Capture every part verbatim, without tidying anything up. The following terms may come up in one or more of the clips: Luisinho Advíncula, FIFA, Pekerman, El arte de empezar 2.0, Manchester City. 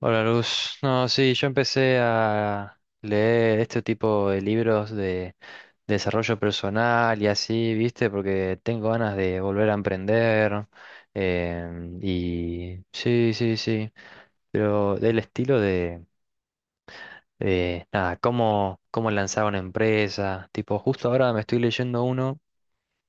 Hola Luz, no, sí, yo empecé a leer este tipo de libros de desarrollo personal y así, viste, porque tengo ganas de volver a emprender em, y sí, sí, sí, pero del estilo de, eh, nada, cómo, cómo lanzar una empresa, tipo, justo ahora me estoy leyendo uno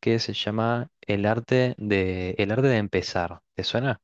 que se llama El arte de, El arte de empezar, ¿te suena?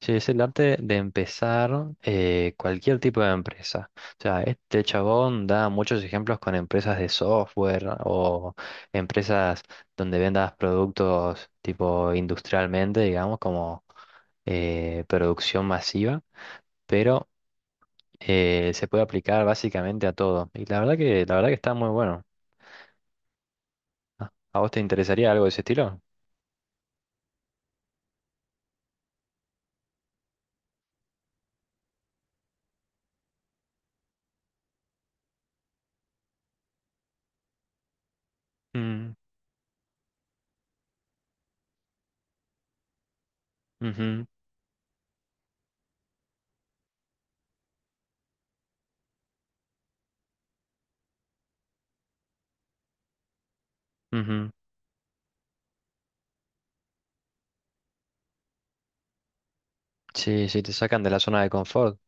Sí, es el arte de empezar eh, cualquier tipo de empresa. O sea, este chabón da muchos ejemplos con empresas de software o empresas donde vendas productos tipo industrialmente, digamos, como eh, producción masiva, pero eh, se puede aplicar básicamente a todo. Y la verdad que, la verdad que está muy bueno. ¿A a vos te interesaría algo de ese estilo? Mm, ujú, ujú. Sí, sí, te sacan de la zona de confort.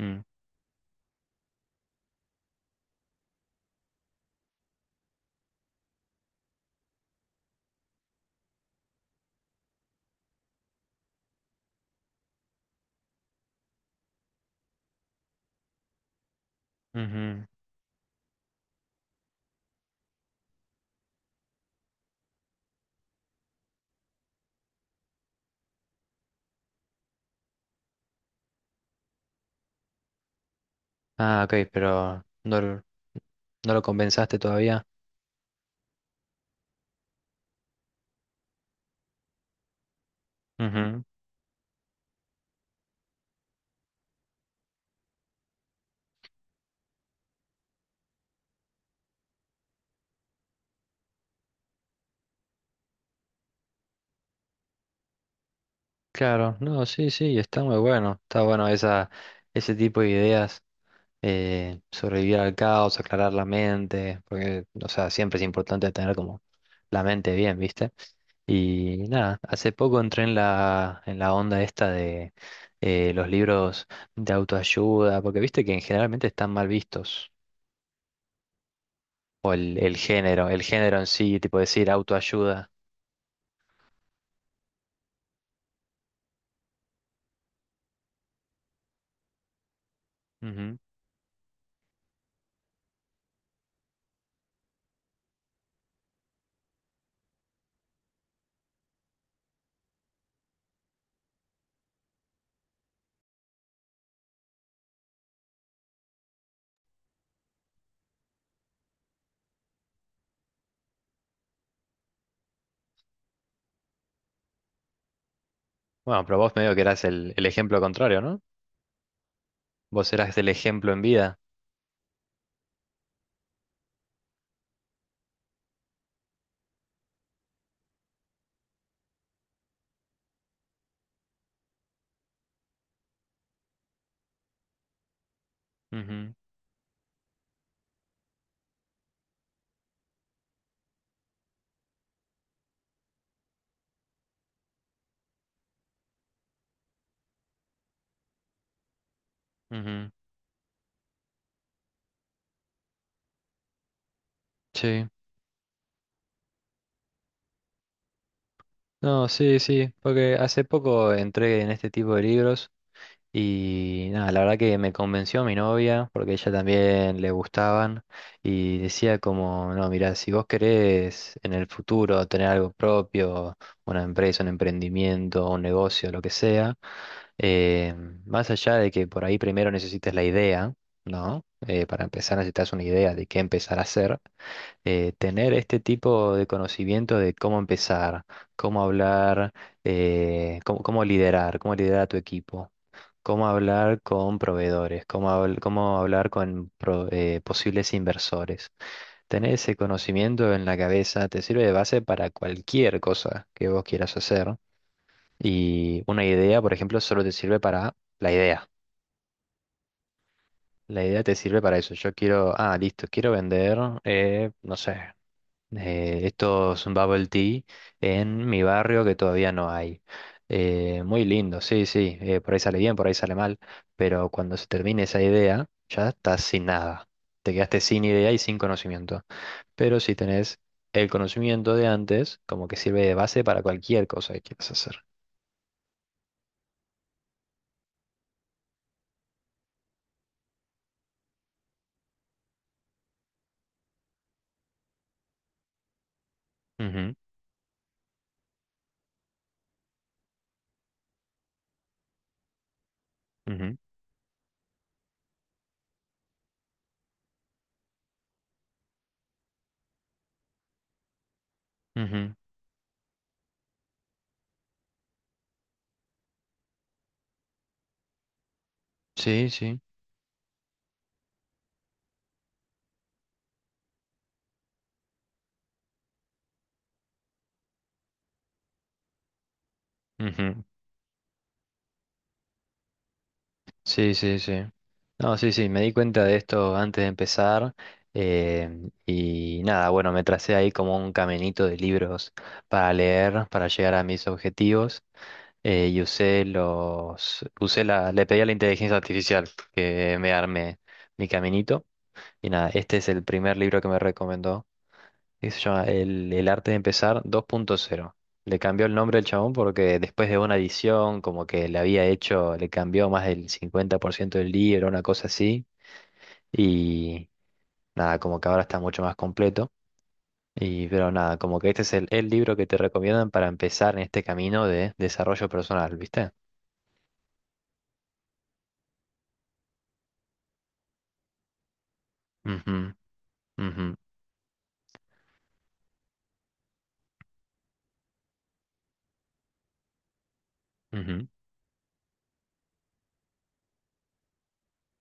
Mm. Ujú. Ah, ok, pero no, lo- no lo compensaste todavía. Ujú. Claro, no, sí, sí, está muy bueno. Está bueno esa, ese tipo de ideas, eh, sobrevivir al caos, aclarar la mente, porque, o sea, siempre es importante tener como la mente bien, ¿viste? Y nada, hace poco entré en la, en la onda esta de eh, los libros de autoayuda, porque viste que generalmente están mal vistos, o el, el género, el género en sí, tipo decir autoayuda. Ujú. Bueno, pero vos medio que eras el, el ejemplo contrario, ¿no? Vos eras el ejemplo en vida. Ujú, ujú. Sí. No, sí, sí, porque hace poco entré en este tipo de libros. Y nada, la verdad que me convenció mi novia, porque a ella también le gustaban, y decía como, no, mira, si vos querés en el futuro tener algo propio, una empresa, un emprendimiento, un negocio, lo que sea, eh, más allá de que por ahí primero necesites la idea, ¿no? Eh, para empezar necesitas una idea de qué empezar a hacer, eh, tener este tipo de conocimiento de cómo empezar, cómo hablar, eh, cómo, cómo liderar, cómo liderar a tu equipo, cómo hablar con proveedores, cómo, habl- cómo hablar con pro- eh, posibles inversores. Tener ese conocimiento en la cabeza te sirve de base para cualquier cosa que vos quieras hacer. Y una idea, por ejemplo, solo te sirve para la idea. La idea te sirve para eso. Yo quiero, ah, listo, quiero vender, eh, no sé, eh, estos bubble tea en mi barrio que todavía no hay. Eh, muy lindo, sí, sí, eh, por ahí sale bien, por ahí sale mal, pero cuando se termine esa idea, ya estás sin nada. Te quedaste sin idea y sin conocimiento. Pero si tenés el conocimiento de antes, como que sirve de base para cualquier cosa que quieras hacer. Ujú, ujú, ujú. Sí, sí. Ujú. Sí, sí, sí. No, sí, sí, me di cuenta de esto antes de empezar. Em, y nada, bueno, me tracé ahí como un caminito de libros para leer, para llegar a mis objetivos. eh, y usé los, usé la, le pedí a la inteligencia artificial que me arme mi caminito. Y nada, este es el primer libro que me recomendó. ¿Qué se llama? El, El arte de empezar dos punto cero. Le cambió el nombre al chabón porque después de una edición, como que le había hecho, le cambió más del cincuenta por ciento del libro, una cosa así. Y nada, como que ahora está mucho más completo. Y pero nada, como que este es el, el libro que te recomiendan para empezar en este camino de desarrollo personal, ¿viste? Ujú, ujú,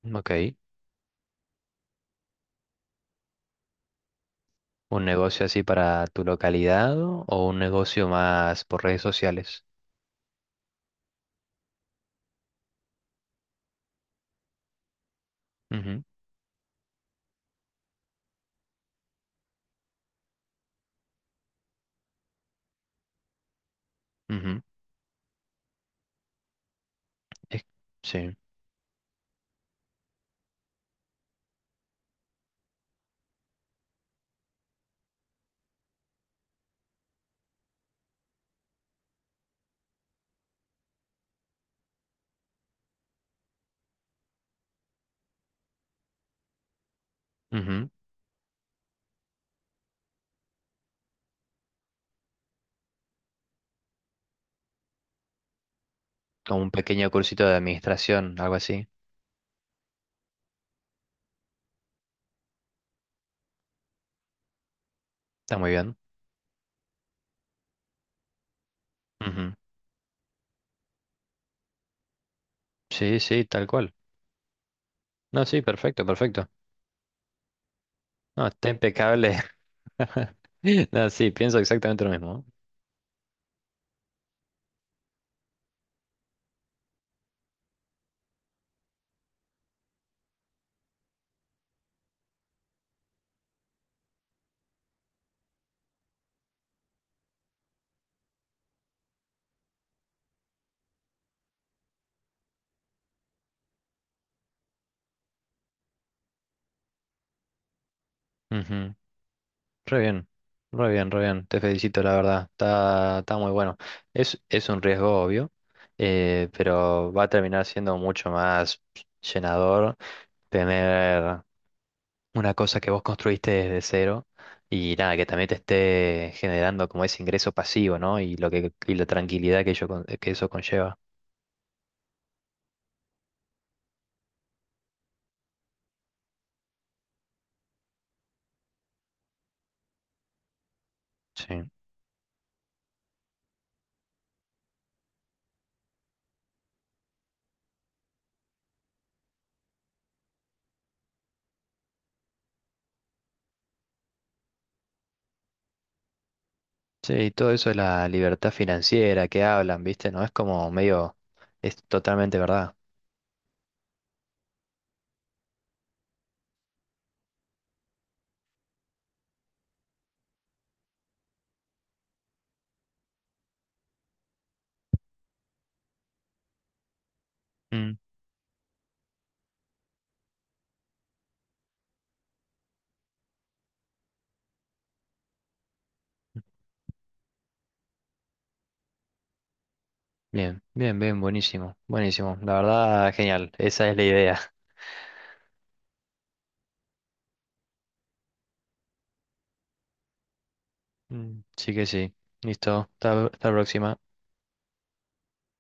ujú. Ok. ¿Un negocio así para tu localidad o un negocio más por redes sociales? Ujú, ujú. Es- Sí. Ujú. Como un pequeño cursito de administración, algo así. Está muy bien. Ujú, sí, sí, tal cual. No, sí, perfecto, perfecto. No, está impecable. No, sí, pienso exactamente lo mismo. ¿Eh? Ujú, re bien, re bien, re bien. Te felicito, la verdad. Está, está muy bueno. Es, es un riesgo obvio, eh, pero va a terminar siendo mucho más llenador tener una cosa que vos construiste desde cero y nada, que también te esté generando como ese ingreso pasivo, ¿no? Y lo que y la tranquilidad que ello con- que eso conlleva. Sí. Sí, y todo eso de la libertad financiera que hablan, ¿viste? No es como medio, es totalmente verdad. Mm. Bien, bien, bien, buenísimo, buenísimo. La verdad, genial, esa es la idea. Mm, sí que sí. Listo, hasta hasta la próxima.